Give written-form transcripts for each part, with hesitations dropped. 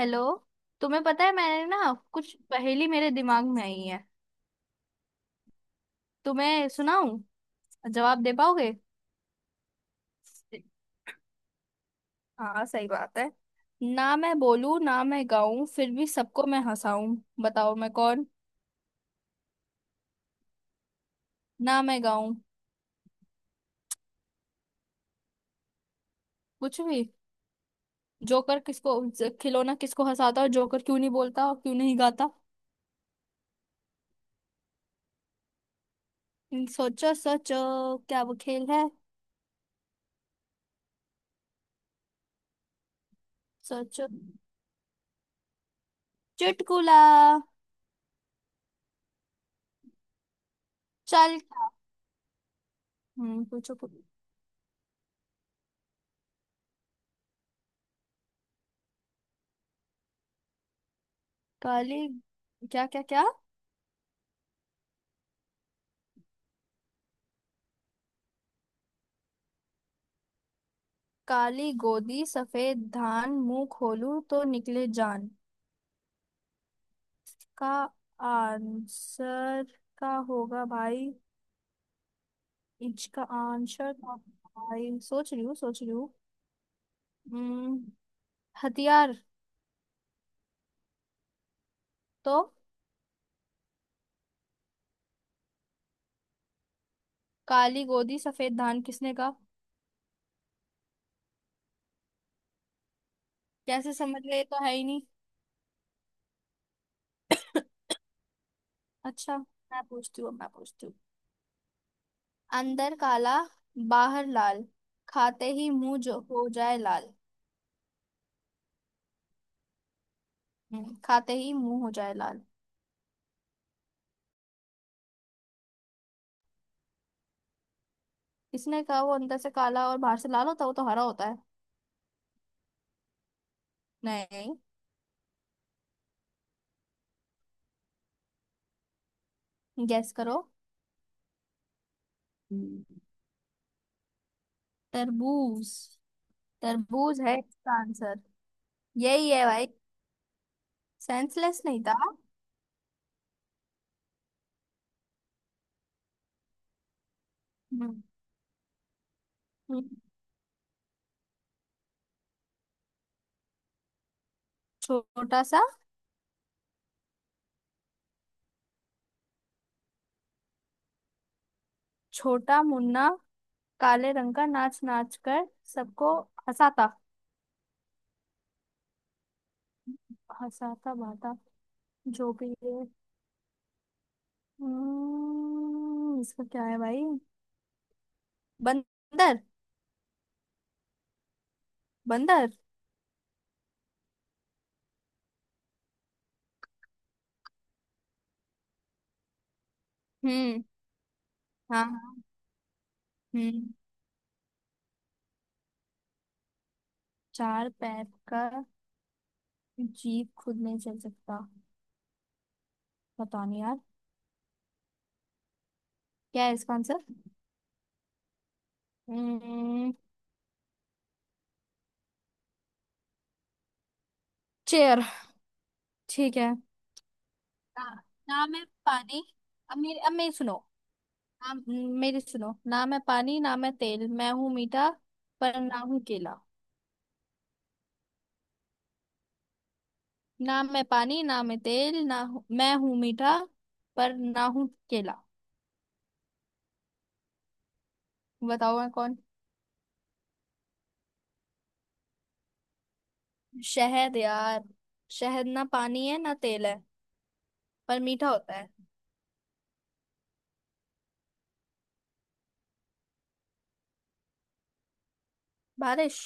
Hello. तुम्हें पता है मैंने ना कुछ पहेली मेरे दिमाग में आई है। तुम्हें सुनाऊं? जवाब दे पाओगे? हाँ, सही बात है। ना मैं बोलूं ना मैं गाऊं फिर भी सबको मैं हंसाऊं। बताओ मैं कौन। ना मैं गाऊं। कुछ भी। जोकर किसको खिलौना किसको हंसाता और जोकर क्यों नहीं बोलता और क्यों नहीं गाता? सोचो सोचो, क्या वो खेल है। सोचो। चुटकुला। चल। पूछो पूछो। काली, क्या क्या क्या? काली गोदी सफेद धान मुंह खोलूं तो निकले जान। का आंसर? का होगा भाई? इसका आंसर का होगा भाई, सोच रही हूँ सोच रही हूँ। हम्म, हथियार। तो? काली गोदी सफेद धान किसने कहा? कैसे समझ गए, ये तो है ही नहीं। अच्छा, मैं पूछती हूँ मैं पूछती हूँ। अंदर काला बाहर लाल खाते ही मुंह जो हो जाए लाल। खाते ही मुंह हो जाए लाल। इसने कहा वो अंदर से काला और बाहर से लाल होता है, वो तो हरा होता है। नहीं। गैस करो। हम्म, तरबूज। तरबूज है इसका आंसर। यही है भाई। सेंसलेस नहीं था। हम्म, हम्म। छोटा सा। छोटा मुन्ना काले रंग का नाच नाच कर सबको हंसाता। हंसाता बाता जो भी है। इसका क्या है भाई? बंदर। बंदर। हम्म। हाँ हाँ। हम्म। चार पैर का जीप खुद नहीं चल सकता। पता नहीं यार। क्या है इसका आंसर? हम्म, चेयर। ठीक है। ना, ना मैं पानी। अब मेरी सुनो। ना मेरी सुनो। ना मैं पानी ना मैं तेल मैं हूँ मीठा पर ना हूँ केला। ना मैं पानी ना मैं तेल मैं हूँ मीठा पर ना हूँ केला। बताओ मैं कौन? शहद यार। शहद ना पानी है ना तेल है पर मीठा होता है। बारिश।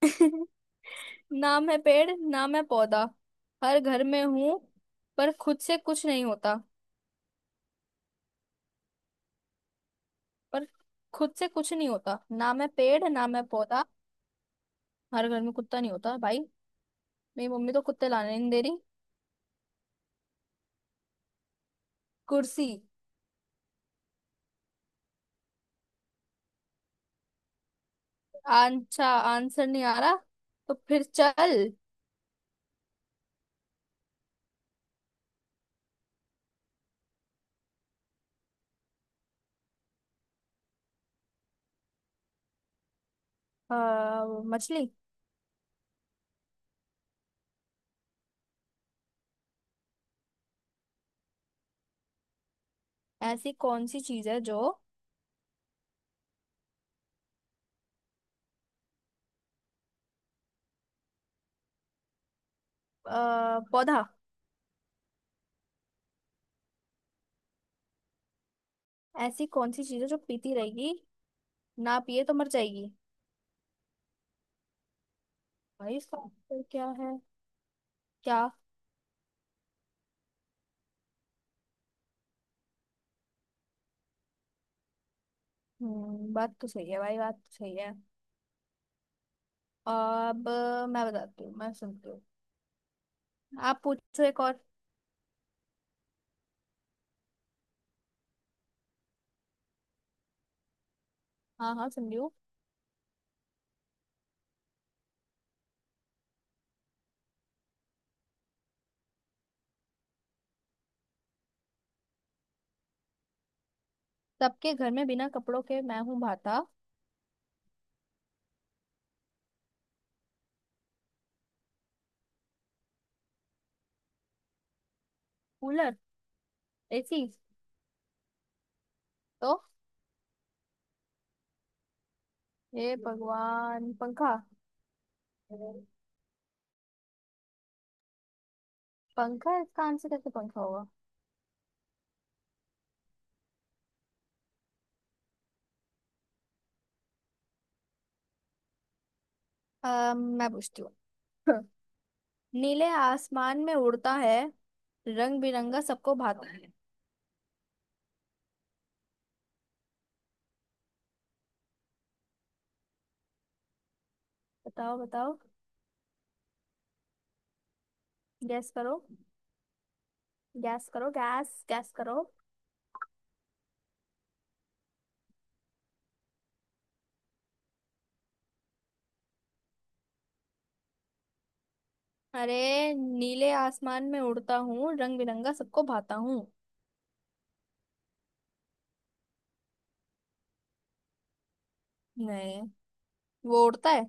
नाम है पेड़ नाम है पौधा, हर घर में हूँ पर खुद से कुछ नहीं होता। पर खुद से कुछ नहीं होता, नाम है पेड़ नाम है पौधा। हर घर में कुत्ता नहीं होता भाई। मेरी मम्मी तो कुत्ते लाने नहीं दे रही। कुर्सी। अच्छा, आंसर नहीं आ रहा तो फिर चल। आ, मछली। ऐसी कौन सी चीज है जो पौधा। ऐसी कौन सी चीज है जो पीती रहेगी, ना पिए तो मर जाएगी। भाई इसका आंसर क्या है? क्या? बात तो सही है भाई, बात तो सही है। अब मैं बताती हूँ मैं सुनती हूँ। आप पूछो एक और। हाँ हाँ, सुन रही हूँ। सबके घर में बिना कपड़ों के मैं हूँ भाता। कूलर। एसी। तो? हे भगवान, पंखा? पंखा इसका आंसर कैसे पंखा होगा? मैं पूछती हूँ। नीले आसमान में उड़ता है, रंग बिरंगा सबको भाता है। बताओ बताओ। गैस करो, गैस करो, गैस गैस करो। अरे, नीले आसमान में उड़ता हूँ रंग बिरंगा सबको भाता हूँ। नहीं। वो उड़ता है।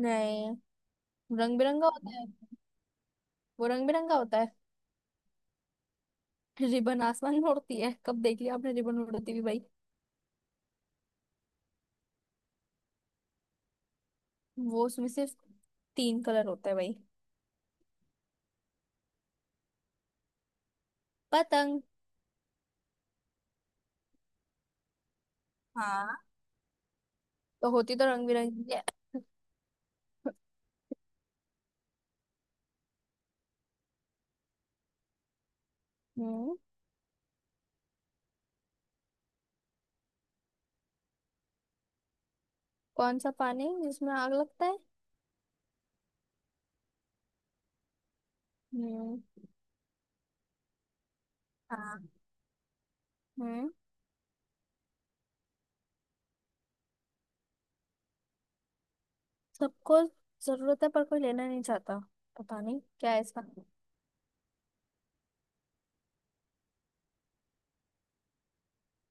नहीं। रंग बिरंगा होता है, वो रंग बिरंगा होता है। रिबन आसमान में उड़ती है, कब देख लिया आपने रिबन उड़ती हुई भाई? वो उसमें सिर्फ तीन कलर होता है भाई। पतंग। हाँ। तो होती तो रंग बिरंगी है। हम्म। कौन सा पानी जिसमें आग लगता है? हम्म। हाँ। हम्म। सबको जरूरत है पर कोई लेना नहीं चाहता, पता नहीं क्या है इसका।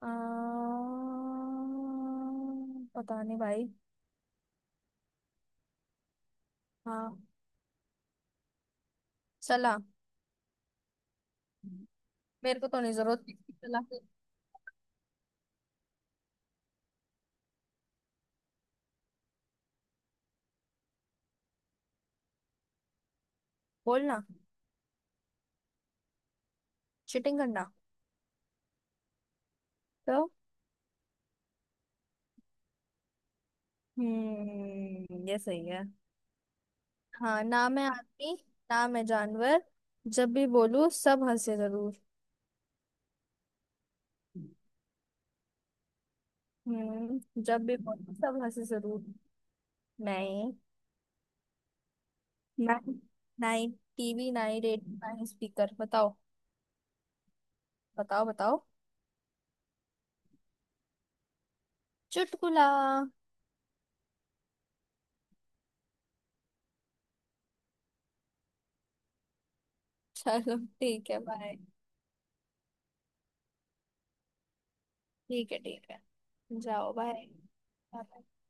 आ, पता नहीं भाई। हाँ। सलाह। मेरे को तो नहीं जरूरत सलाह। बोलना। चीटिंग करना। तो? ये सही है। हाँ। ना मैं आदमी ना मैं जानवर जब भी बोलूं सब हंसे जरूर। जब भी बोलूं सब हंसे जरूर। नहीं। ना, ना ही टीवी ना ही रेडियो ना ही स्पीकर, बताओ। बताओ बताओ। चुटकुला। चलो ठीक है बाय। ठीक है ठीक है। जाओ बाय।